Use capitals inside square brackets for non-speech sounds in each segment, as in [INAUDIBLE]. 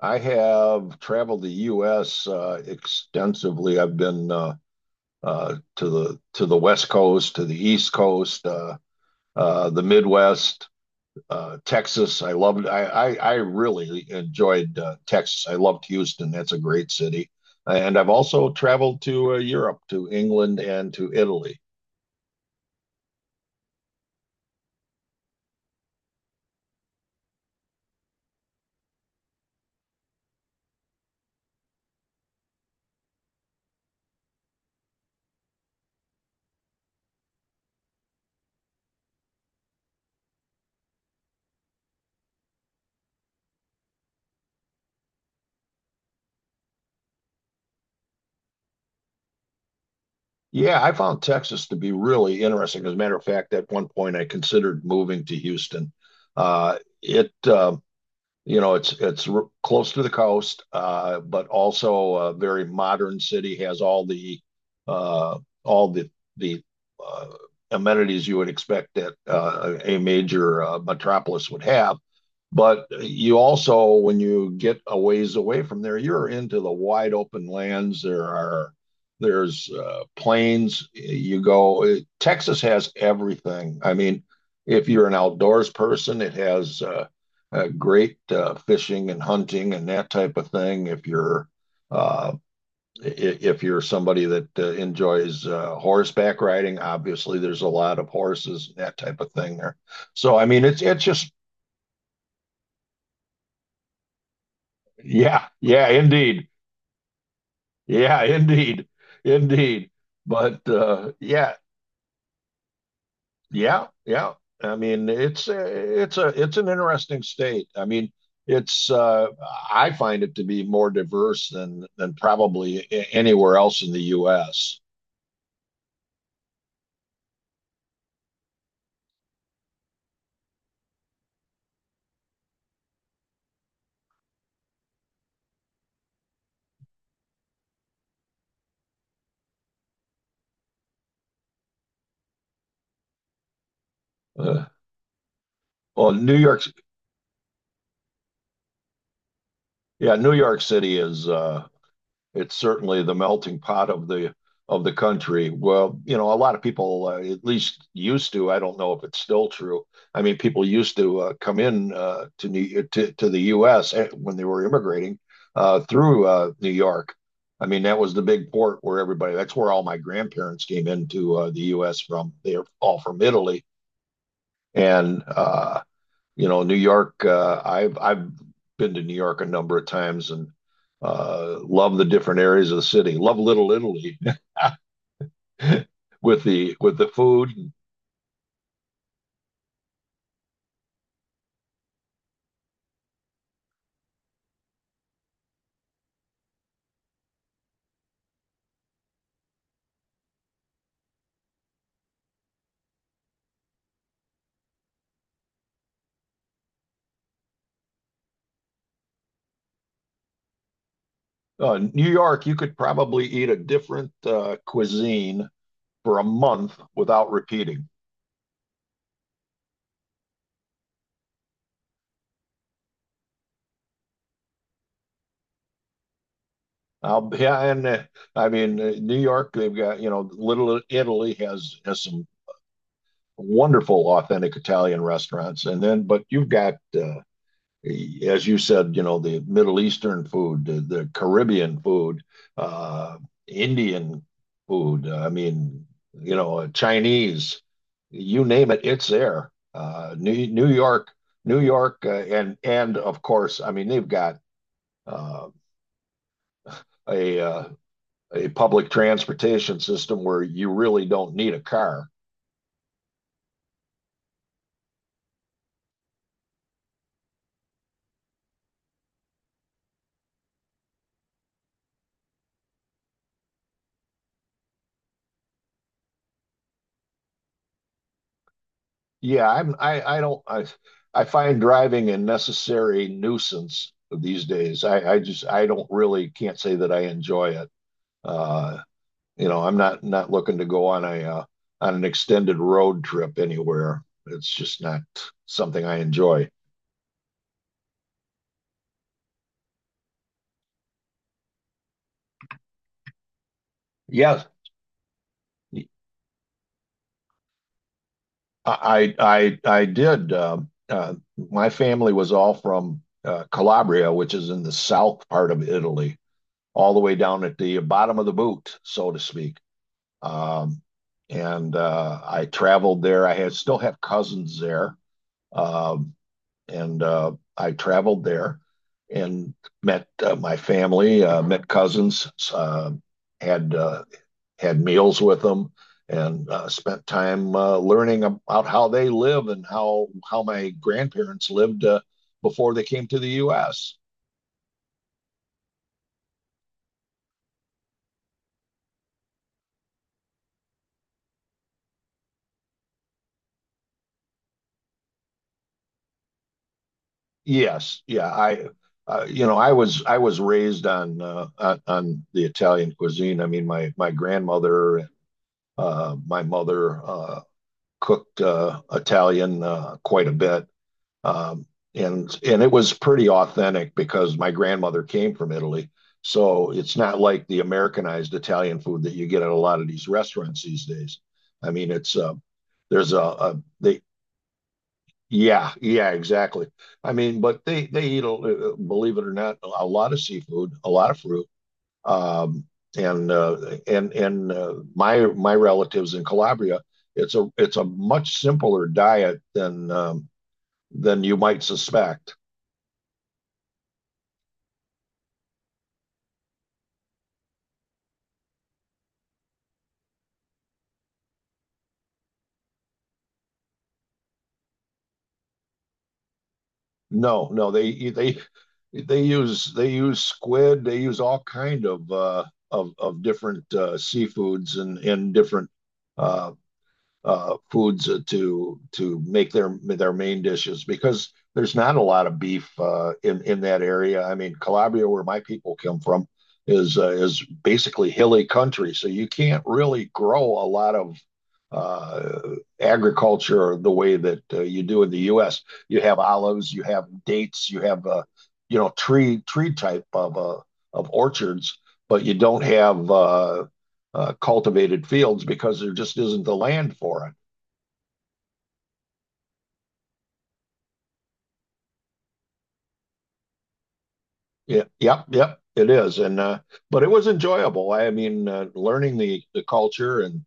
I have traveled the U.S. Extensively. I've been to the West Coast, to the East Coast, the Midwest, Texas. I loved. I really enjoyed Texas. I loved Houston. That's a great city. And I've also traveled to Europe, to England, and to Italy. Yeah, I found Texas to be really interesting. As a matter of fact, at one point I considered moving to Houston. It you know, it's r- close to the coast, but also a very modern city. Has uh, all the uh, amenities you would expect that a major metropolis would have. But you also, when you get a ways away from there, you're into the wide open lands. There's plains. You go. Texas has everything. I mean, if you're an outdoors person, it has. Great fishing and hunting and that type of thing if uh, you're somebody that enjoys horseback riding. Obviously, there's a lot of horses and that type of thing there. So I mean, it's just. Yeah, yeah, indeed. Yeah, indeed. Indeed. But yeah. Yeah, yeah. I mean, it's an interesting state. I mean, it's I find it to be more diverse than probably anywhere else in the U.S. Uh, well, yeah, New York City is it's certainly the melting pot of the country. Well, a lot of people at least used to. I don't know if it's still true. I mean, people used to come in to the U.S. When they were immigrating through New York. I mean, that was the big port where everybody. That's where all my grandparents came into the U.S. from. They're all from Italy, and I've been to New York a number of times and love the different areas of the city. Love Little Italy [LAUGHS] with the food. New York, you could probably eat a different cuisine for a month without repeating. Yeah, and I mean New York, they've got Little Italy has some wonderful authentic Italian restaurants, and then but you've got uh, as you said, the Middle Eastern food, the Caribbean food, uh, Indian food. I mean, Chinese, you name it, it's there. New York, and of course, I mean, they've got uh, a uh, a public transportation system where you really don't need a car. Yeah, I'm I don't I find driving a necessary nuisance these days. I just I don't really can't say that I enjoy it. Uh, I'm not looking to go on an extended road trip anywhere. It's just not something I enjoy. Yeah, I I did. My family was all from Calabria, which is in the south part of Italy, all the way down at the bottom of the boot, so to speak. Um, and I traveled there. I had, still have cousins there, um, and I traveled there and met my family, met cousins, had uh, had meals with them, and spent time learning about how they live and how my grandparents lived before they came to the U.S. Yes, yeah, I was raised on on the Italian cuisine. I mean, my grandmother and my mother cooked Italian quite a bit, um, and it was pretty authentic because my grandmother came from Italy, so it's not like the Americanized Italian food that you get at a lot of these restaurants these days. I mean, it's there's a they yeah, yeah, exactly. I mean, but they eat, believe it or not, a lot of seafood, a lot of fruit. Um, and my relatives in Calabria, it's a much simpler diet than you might suspect. No, no, they use squid, they use all kind of of different seafoods and different. Uh, Foods to make their main dishes because there's not a lot of beef in that area. I mean, Calabria, where my people come from, is basically hilly country, so you can't really grow a lot of uh, agriculture the way that you do in the U.S. You have olives, you have dates, you have tree type of orchards, but you don't have cultivated fields because there just isn't the land for it. Yeah, yep, yep, it is. And but it was enjoyable. I mean, learning the culture and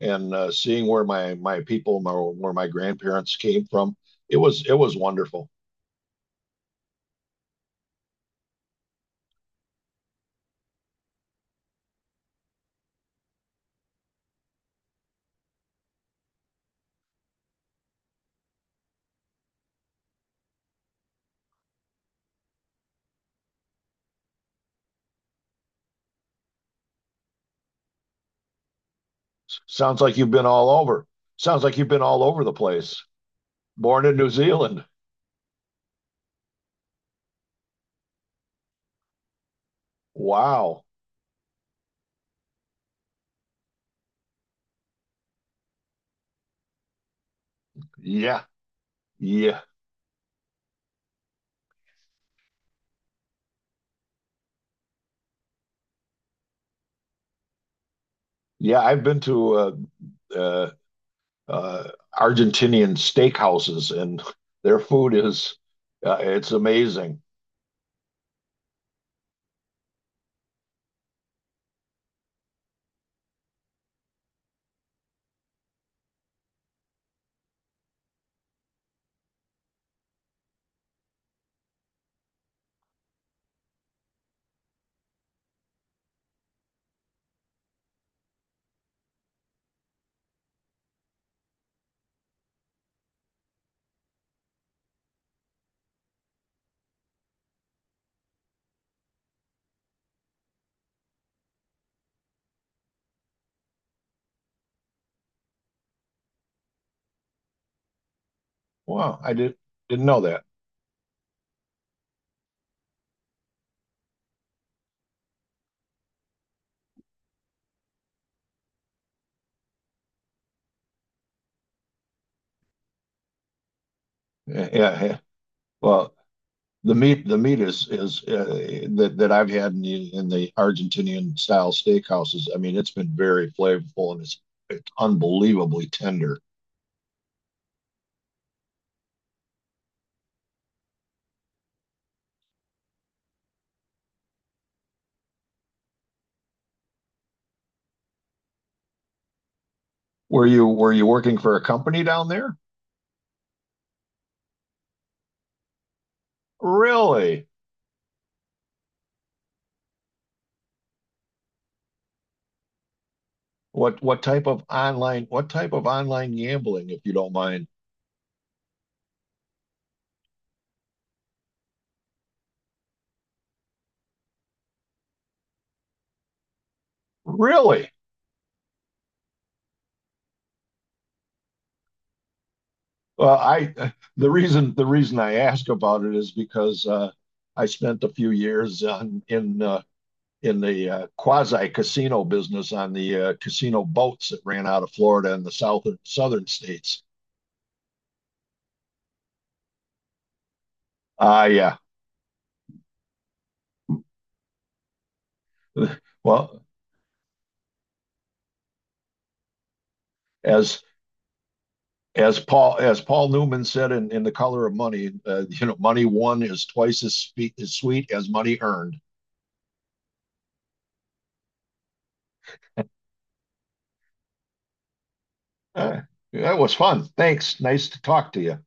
seeing where where my grandparents came from, it was wonderful. Sounds like you've been all over. Sounds like you've been all over the place. Born in New Zealand. Wow. Yeah, yeah, yeah. I've been to uh, uh, Argentinian steakhouses, and their food is it's amazing. Wow, I didn't know that. Yeah, yeah. Yeah. Well, the meat is that I've had in the Argentinian style steakhouses. I mean, it's been very flavorful and it's unbelievably tender. Were you working for a company down there? Really? What type of online what type of online gambling, if you don't mind? Really? Well, I [LAUGHS] the reason I ask about it is because I spent a few years on in the quasi casino business on the casino boats that ran out of Florida and the southern states. Ah, yeah. [LAUGHS] Well, as as Paul Newman said in The Color of Money, money won is twice as sweet as money earned. Uh, that was fun. Thanks. Nice to talk to you.